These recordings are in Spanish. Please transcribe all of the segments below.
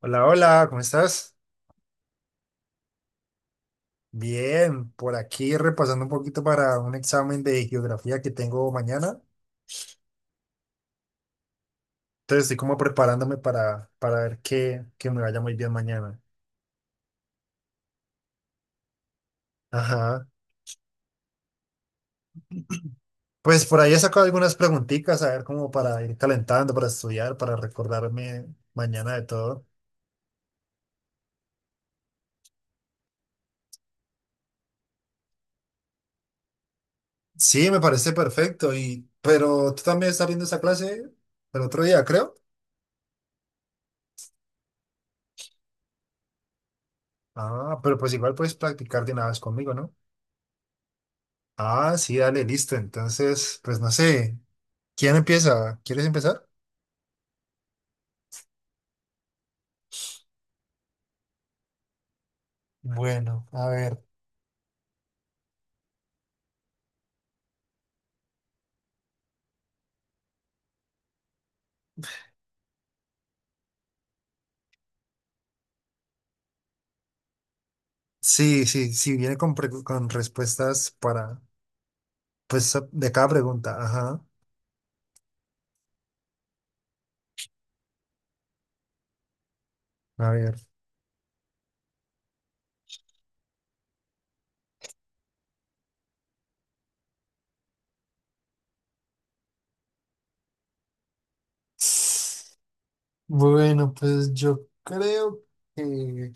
Hola, hola, ¿cómo estás? Bien, por aquí repasando un poquito para un examen de geografía que tengo mañana. Entonces estoy como preparándome para ver que me vaya muy bien mañana. Ajá. Pues por ahí he sacado algunas preguntitas, a ver como para ir calentando, para estudiar, para recordarme mañana de todo. Sí, me parece perfecto. Y, pero tú también estás viendo esa clase el otro día, creo. Ah, pero pues igual puedes practicar de una vez conmigo, ¿no? Ah, sí, dale, listo. Entonces, pues no sé. ¿Quién empieza? ¿Quieres empezar? Bueno, a ver. Sí, sí, sí, viene con, con respuestas para, pues, de cada pregunta. Ajá. A ver. Bueno, pues yo creo que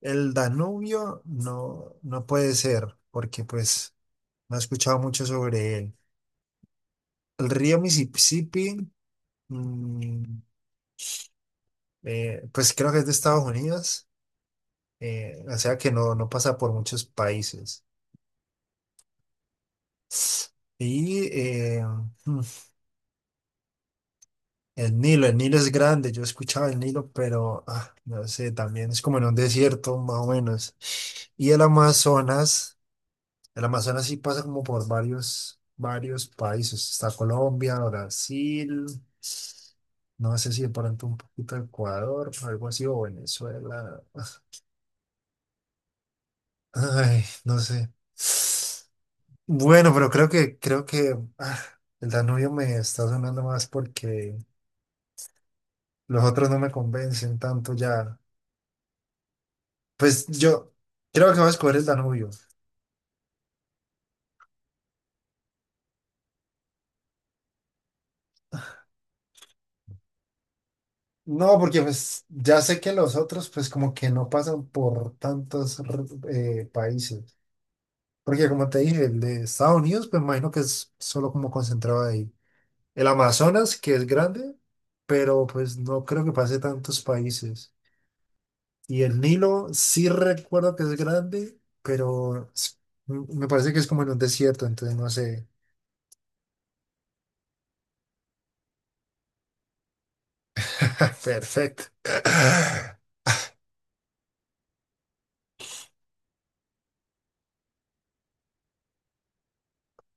el Danubio no puede ser, porque pues no he escuchado mucho sobre él. El río Mississippi, mm, pues creo que es de Estados Unidos, o sea que no pasa por muchos países. Y mm, el Nilo es grande, yo escuchaba el Nilo, pero no sé, también es como en un desierto más o menos. Y el Amazonas sí pasa como por varios, varios países. Está Colombia, Brasil, no sé si de pronto un poquito Ecuador, algo así, o Venezuela. Ay, no sé. Bueno, pero creo que el Danubio me está sonando más porque los otros no me convencen tanto ya. Pues yo creo que voy a escoger el Danubio. No, porque pues ya sé que los otros pues como que no pasan por tantos países. Porque como te dije, el de Estados Unidos pues me imagino que es solo como concentrado ahí. El Amazonas, que es grande, pero pues no creo que pase tantos países. Y el Nilo sí recuerdo que es grande, pero me parece que es como en un desierto, entonces no sé. Perfecto.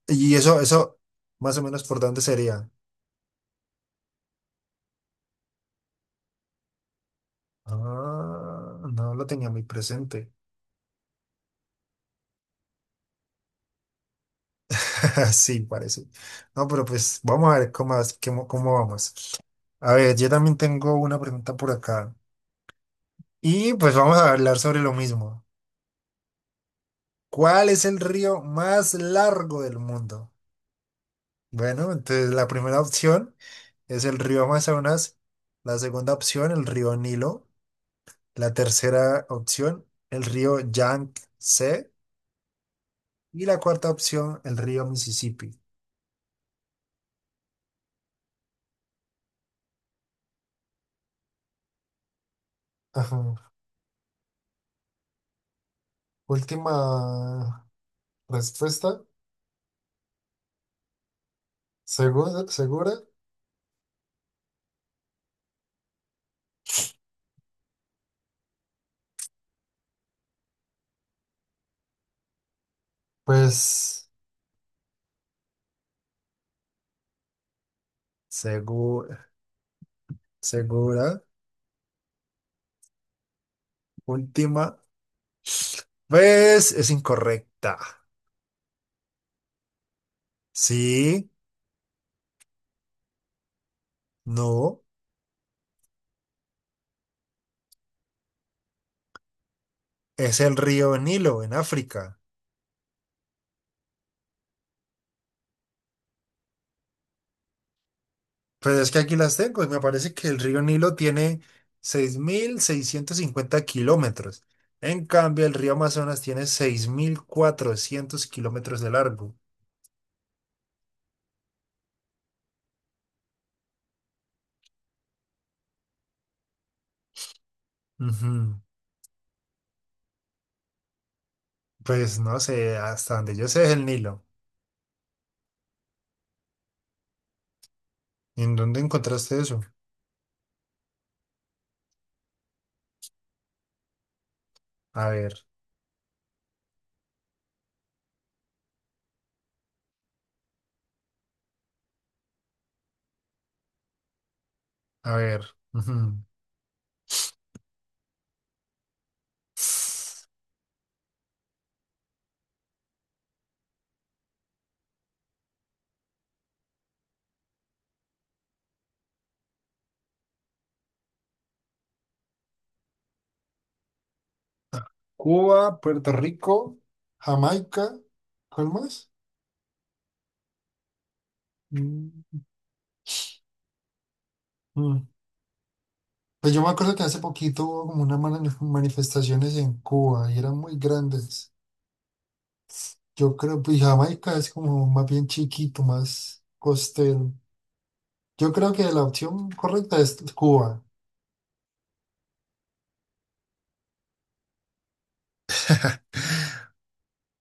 Y eso, más o menos por dónde sería. Ah, no lo tenía muy presente. Sí, parece. No, pero pues vamos a ver cómo, cómo vamos. A ver, yo también tengo una pregunta por acá. Y pues vamos a hablar sobre lo mismo. ¿Cuál es el río más largo del mundo? Bueno, entonces la primera opción es el río Amazonas, la segunda opción el río Nilo, la tercera opción el río Yangtze y la cuarta opción, el río Mississippi. Ajá. Última respuesta. ¿Segura? ¿Segura? Pues segura, segura. Última pues es incorrecta. Sí, no, es el río Nilo en África. Pues es que aquí las tengo y me parece que el río Nilo tiene 6650 kilómetros. En cambio, el río Amazonas tiene 6400 kilómetros de largo. Ujú. Pues no sé, hasta donde yo sé es el Nilo. ¿Y en dónde encontraste eso? A ver, a ver. Ujú. Cuba, Puerto Rico, Jamaica, ¿cuál más? Mm, mm. Pues yo me acuerdo que hace poquito hubo como unas manifestaciones en Cuba y eran muy grandes. Yo creo, pues Jamaica es como más bien chiquito, más costero. Yo creo que la opción correcta es Cuba.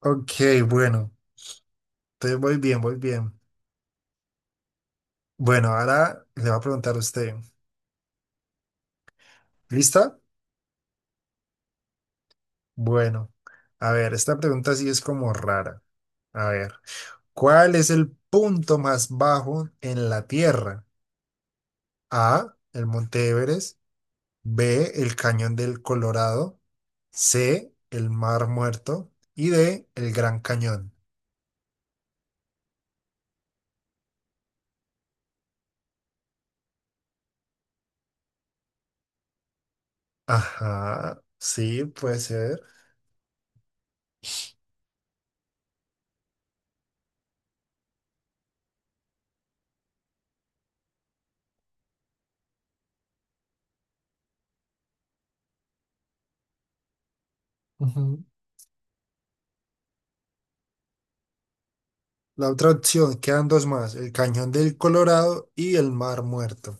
Ok, bueno, entonces voy bien, voy bien. Bueno, ahora le va a preguntar a usted. ¿Lista? Bueno, a ver, esta pregunta sí es como rara. A ver, ¿cuál es el punto más bajo en la Tierra? A, el Monte Everest, B, el Cañón del Colorado, C, el Mar Muerto y D, el Gran Cañón. Ajá, sí, puede ser. Ujú. La otra opción, quedan dos más, el Cañón del Colorado y el Mar Muerto.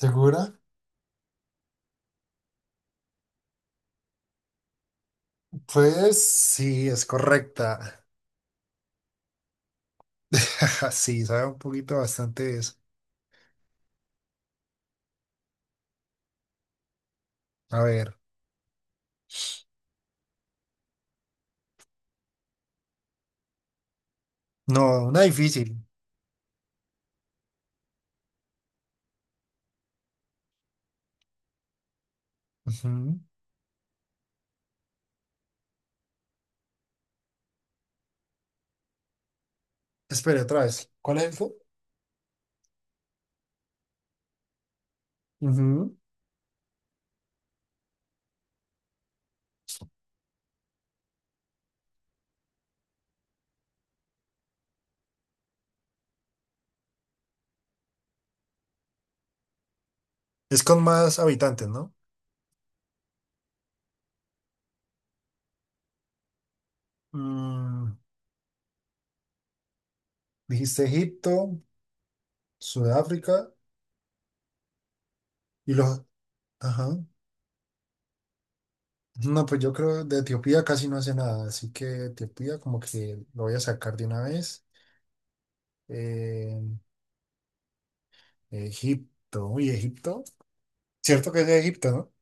¿Segura? Pues sí, es correcta. Sí, sabe un poquito bastante de eso. A ver. No, una difícil. Ujú. Espere otra vez. ¿Cuál es el Ujú. Es con más habitantes, ¿no? Mm, dijiste Egipto, Sudáfrica y los... Ajá. No, pues yo creo de Etiopía casi no hace nada, así que Etiopía como que lo voy a sacar de una vez. Eh, Egipto, uy, Egipto. Cierto que es de Egipto, ¿no?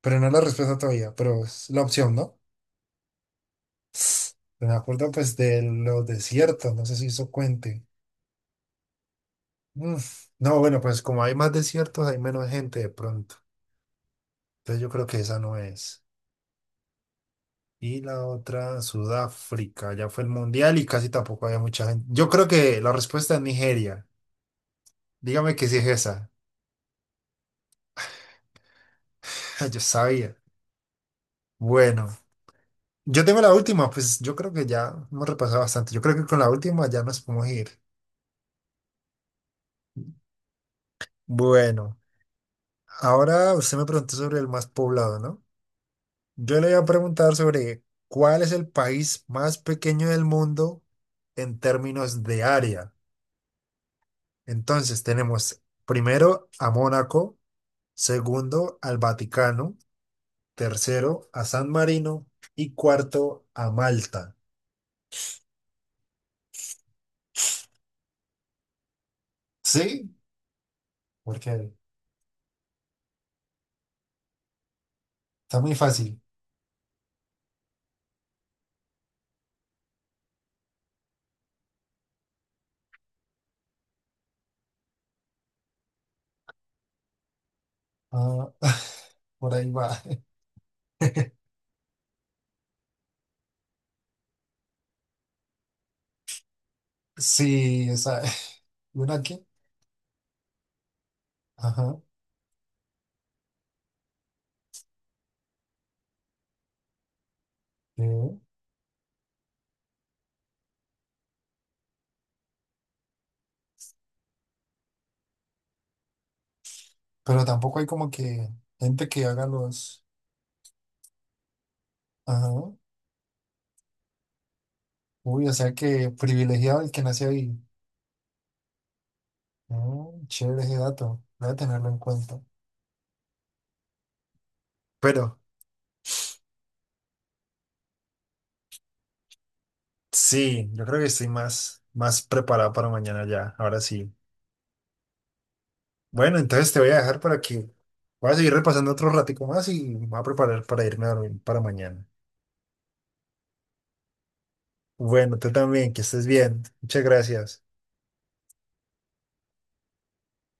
Pero no la respuesta todavía, pero es la opción, ¿no? Me acuerdo pues de los desiertos, no sé si eso cuente. Mm. No, bueno, pues como hay más desiertos, hay menos gente de pronto. Entonces yo creo que esa no es. Y la otra, Sudáfrica, ya fue el mundial y casi tampoco había mucha gente. Yo creo que la respuesta es Nigeria. Dígame que sí es esa. Yo sabía. Bueno, yo tengo la última, pues yo creo que ya hemos repasado bastante. Yo creo que con la última ya nos podemos ir. Bueno. Ahora usted me preguntó sobre el más poblado, ¿no? Yo le voy a preguntar sobre cuál es el país más pequeño del mundo en términos de área. Entonces tenemos primero a Mónaco, segundo al Vaticano, tercero a San Marino y cuarto a Malta. ¿Sí? Porque está muy fácil. Ah, por ahí va. Sí, esa. ¿Una aquí? Ajá. Sí. Pero tampoco hay como que gente que haga los... Ajá. Uy, o sea que privilegiado el que nació ahí. Mm, chévere ese dato. Voy a tenerlo en cuenta. Pero sí, yo creo que estoy más preparado para mañana ya. Ahora sí. Bueno, entonces te voy a dejar para que voy a seguir repasando otro ratico más y me voy a preparar para irme a dormir para mañana. Bueno, tú también, que estés bien. Muchas gracias.